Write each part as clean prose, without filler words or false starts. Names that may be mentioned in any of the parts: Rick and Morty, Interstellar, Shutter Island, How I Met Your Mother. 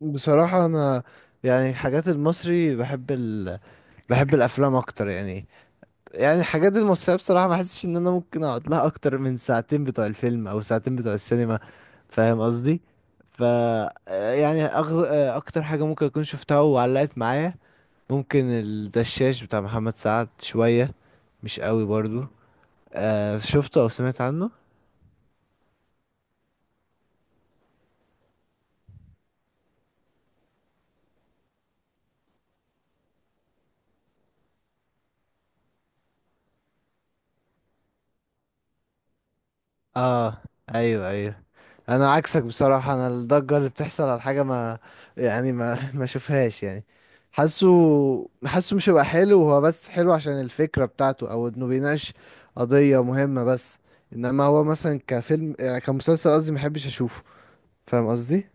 بصراحة أنا يعني الحاجات المصري بحب الأفلام أكتر يعني الحاجات المصرية بصراحة ما حسش إن أنا ممكن أقعد لها أكتر من ساعتين بتوع الفيلم أو ساعتين بتوع السينما. فاهم قصدي؟ ف يعني أكتر حاجة ممكن أكون شفتها وعلقت معايا ممكن الدشاش بتاع محمد سعد شوية، مش قوي برضو. أه، شفته أو سمعت عنه؟ اه، ايوه ايوه. انا عكسك بصراحة، انا الضجة اللي بتحصل على حاجة ما يعني ما ما اشوفهاش يعني. حاسه حاسه مش هيبقى حلو، هو بس حلو عشان الفكرة بتاعته او انه بيناقش قضية مهمة بس. انما هو مثلا كفيلم، كمسلسل قصدي، ما احبش اشوفه. فاهم قصدي؟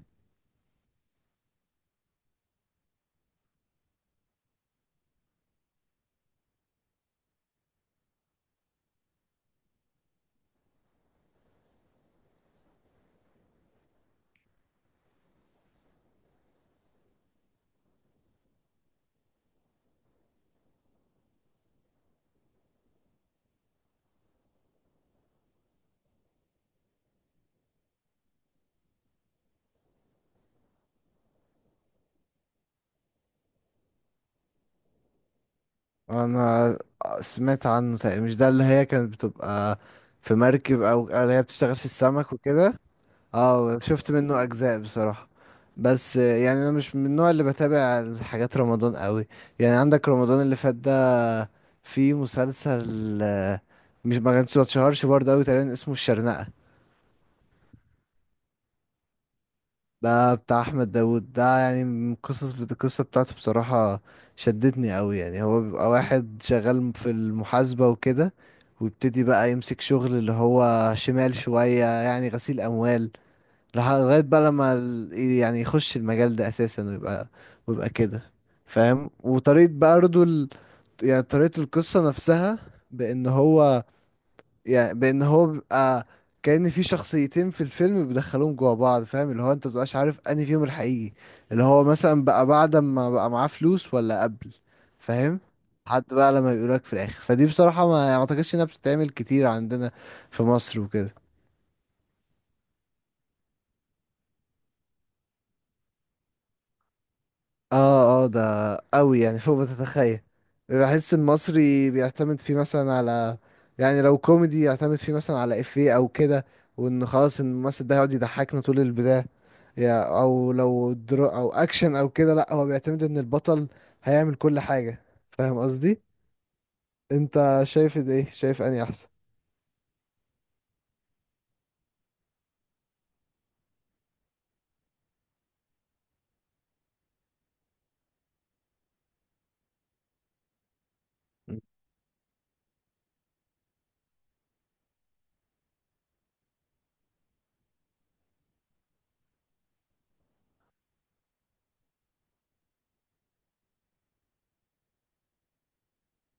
انا سمعت عنه تقريبا، مش ده اللي هي كانت بتبقى في مركب او اللي هي بتشتغل في السمك وكده؟ اه، شفت منه اجزاء بصراحة. بس يعني انا مش من النوع اللي بتابع حاجات رمضان قوي. يعني عندك رمضان اللي فات ده، في مسلسل مش ما كانش ما اتشهرش برضه قوي تقريبا، اسمه الشرنقة. ده بتاع احمد داوود ده، يعني من قصص القصة بتاعته بصراحة شدتني قوي. يعني هو بيبقى واحد شغال في المحاسبة وكده، ويبتدي بقى يمسك شغل اللي هو شمال شوية، يعني غسيل اموال، لغاية بقى لما يعني يخش المجال ده أساسا، ويبقى كده فاهم. وطريقة بقى برضه يعني طريقة القصة نفسها، بأن هو يعني بأن هو بيبقى كأن في شخصيتين في الفيلم بيدخلوهم جوا بعض. فاهم؟ اللي هو انت مبتبقاش عارف انهي فيهم الحقيقي، اللي هو مثلا بقى بعد ما بقى معاه فلوس ولا قبل. فاهم؟ حتى بقى لما يقولك في الآخر، فدي بصراحة ما يعني ما اعتقدش انها بتتعمل كتير عندنا في مصر وكده. اه اه، ده قوي يعني فوق ما تتخيل. بحس المصري بيعتمد فيه مثلا على، يعني لو كوميدي يعتمد فيه مثلا على افيه او كده، وان خلاص الممثل ده يقعد يضحكنا طول البداية، يا او لو درو او اكشن او كده، لا هو بيعتمد ان البطل هيعمل كل حاجة. فاهم قصدي؟ انت شايف ده ايه، شايف اني احسن؟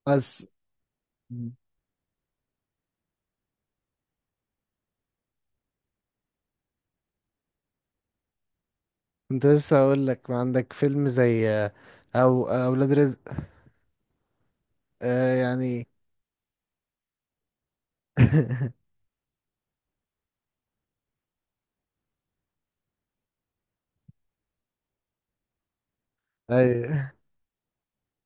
بس كنت لسه هقول لك، ما عندك فيلم زي او اولاد رزق؟ يعني. اي،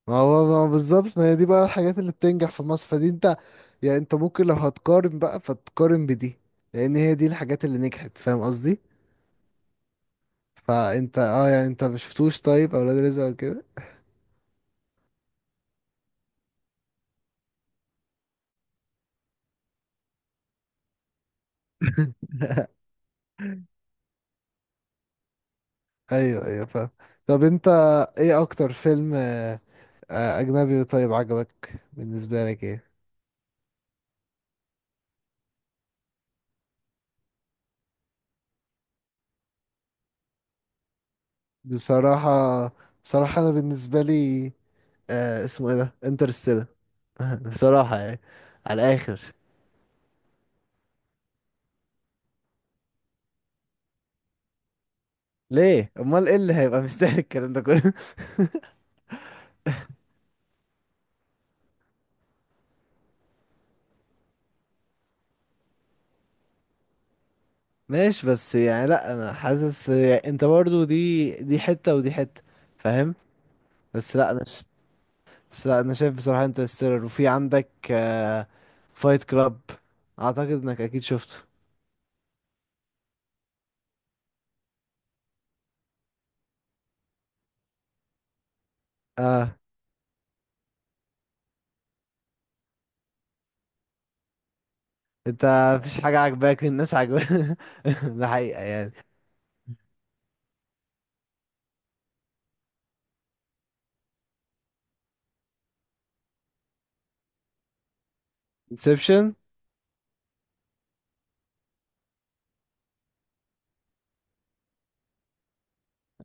ما هو ما هو بالظبط، ما هي دي بقى الحاجات اللي بتنجح في مصر. فدي انت يعني انت ممكن لو هتقارن بقى فتقارن بدي، لان هي دي الحاجات اللي نجحت. فاهم قصدي؟ فانت اه يعني انت مش شفتوش طيب اولاد رزق وكده؟ ايوه ايوه فاهم. طب انت، ايه اكتر فيلم اجنبي طيب عجبك بالنسبه لك ايه؟ بصراحه بصراحه انا بالنسبه لي، آه اسمه ايه ده، انترستيلر. بصراحه يعني على الاخر. ليه، امال ايه اللي هيبقى مستاهل الكلام ده كله؟ ماشي، بس يعني لا انا حاسس يعني انت برضو دي دي حتة ودي حتة. فاهم؟ بس لا انا ش... بس لا انا شايف بصراحة، انت ستيلر وفي عندك فايت كلاب. اعتقد انك اكيد شفته. اه. انت مفيش حاجة عجباك الناس عجباك؟ ده حقيقة يعني. انسبشن.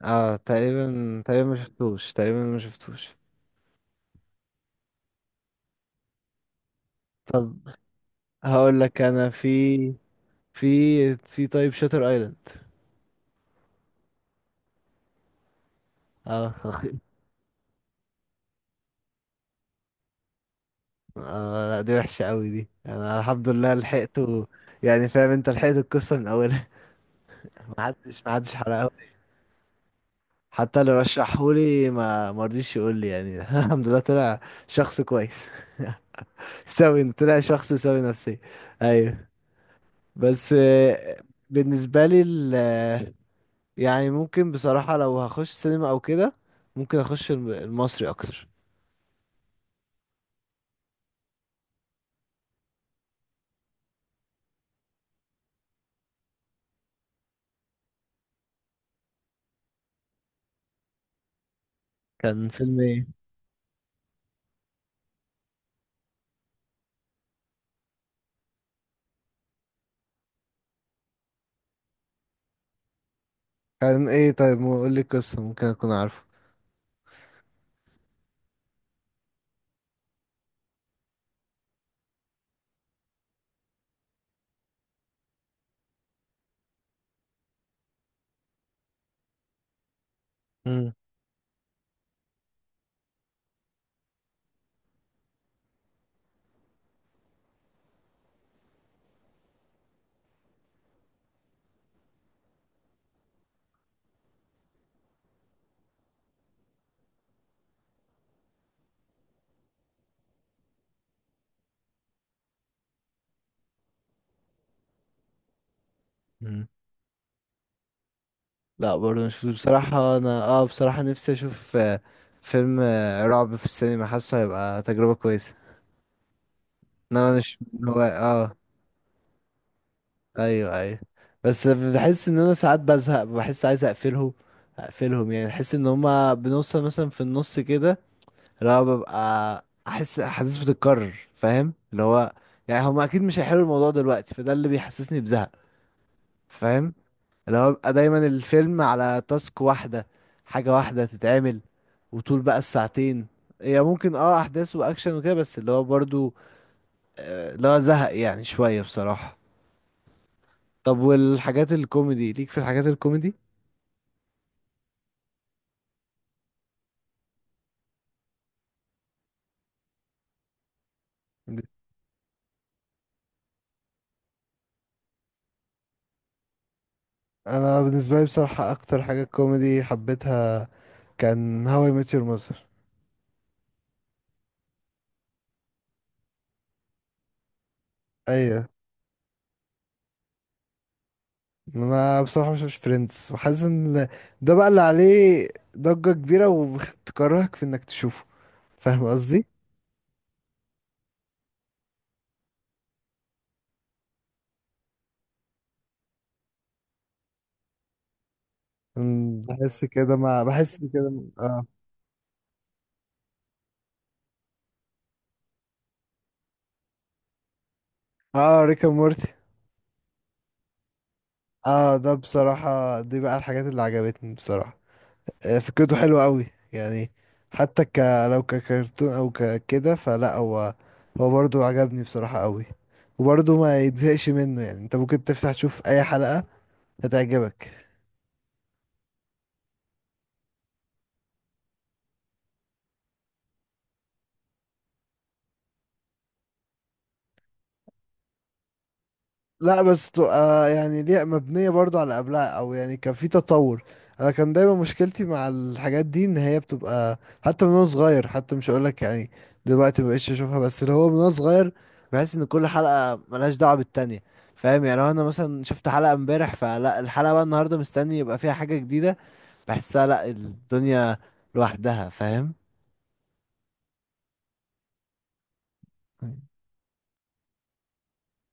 اه تقريبا تقريبا ما شفتوش، تقريبا ما شفتوش. طب هقول لك انا في في في طيب، شاتر ايلاند. اه. لا دي وحشة قوي دي، انا الحمد لله لحقته. يعني فاهم انت، لحقت القصة من اولها. ما حدش حرقها. حتى اللي رشحهولي ما رضيش يقول لي يعني. الحمد لله طلع شخص كويس. سوي، طلع شخص سوي نفسيا. ايوه. بس بالنسبة لي يعني ممكن بصراحة لو هخش سينما او كده، ممكن اخش المصري اكتر. كان فيلم ايه؟ كان ايه؟ طيب قول لي القصة، ممكن اكون عارفه. مم. لا برضه مش بصراحة، أنا بصراحة نفسي أشوف فيلم رعب في السينما، حاسه هيبقى تجربة كويسة. إنما أنا مش من هو أيوه أيوه. بس بحس إن أنا ساعات بزهق، بحس عايز أقفلهم أقفلهم. يعني بحس إن هما بنوصل مثلا في النص كده، اللي هو ببقى أحس أحداث بتتكرر. فاهم اللي هو؟ يعني هما أكيد مش هيحلوا الموضوع دلوقتي، فده اللي بيحسسني بزهق. فاهم؟ اللي هو بيبقى دايما الفيلم على تاسك واحدة، حاجة واحدة تتعمل، وطول بقى الساعتين، هي ممكن اه احداث واكشن وكده، بس اللي هو برضو اللي هو زهق يعني شوية بصراحة. طب والحاجات الكوميدي ليك؟ في الحاجات الكوميدي، انا بالنسبه لي بصراحه اكتر حاجه كوميدي حبيتها كان هاو اي ميت يور ماذر. ايوه. انا بصراحه مش فريندز، وحاسس ان ده بقى اللي عليه ضجه كبيره وتكرهك في انك تشوفه. فاهم قصدي؟ بحس كده اه. اه، ريك اند مورتي. اه ده بصراحة، دي بقى الحاجات اللي عجبتني بصراحة، فكرته حلوة قوي يعني. حتى لو ككرتون او ككده، فلا هو، هو برضو عجبني بصراحة قوي، وبرضو ما يتزهقش منه يعني. انت ممكن تفتح تشوف اي حلقة هتعجبك. لا بس تبقى يعني ليه مبنية برضو على قبلها، او يعني كان في تطور. انا كان دايما مشكلتي مع الحاجات دي ان هي بتبقى، حتى من وانا صغير، حتى مش هقولك يعني دلوقتي مبقتش اشوفها، بس اللي هو من وانا صغير بحس ان كل حلقة ملهاش دعوة بالتانية. فاهم؟ يعني لو انا مثلا شفت حلقة امبارح، فلا الحلقة بقى النهاردة مستني يبقى فيها حاجة جديدة، بحسها لا، الدنيا لوحدها. فاهم؟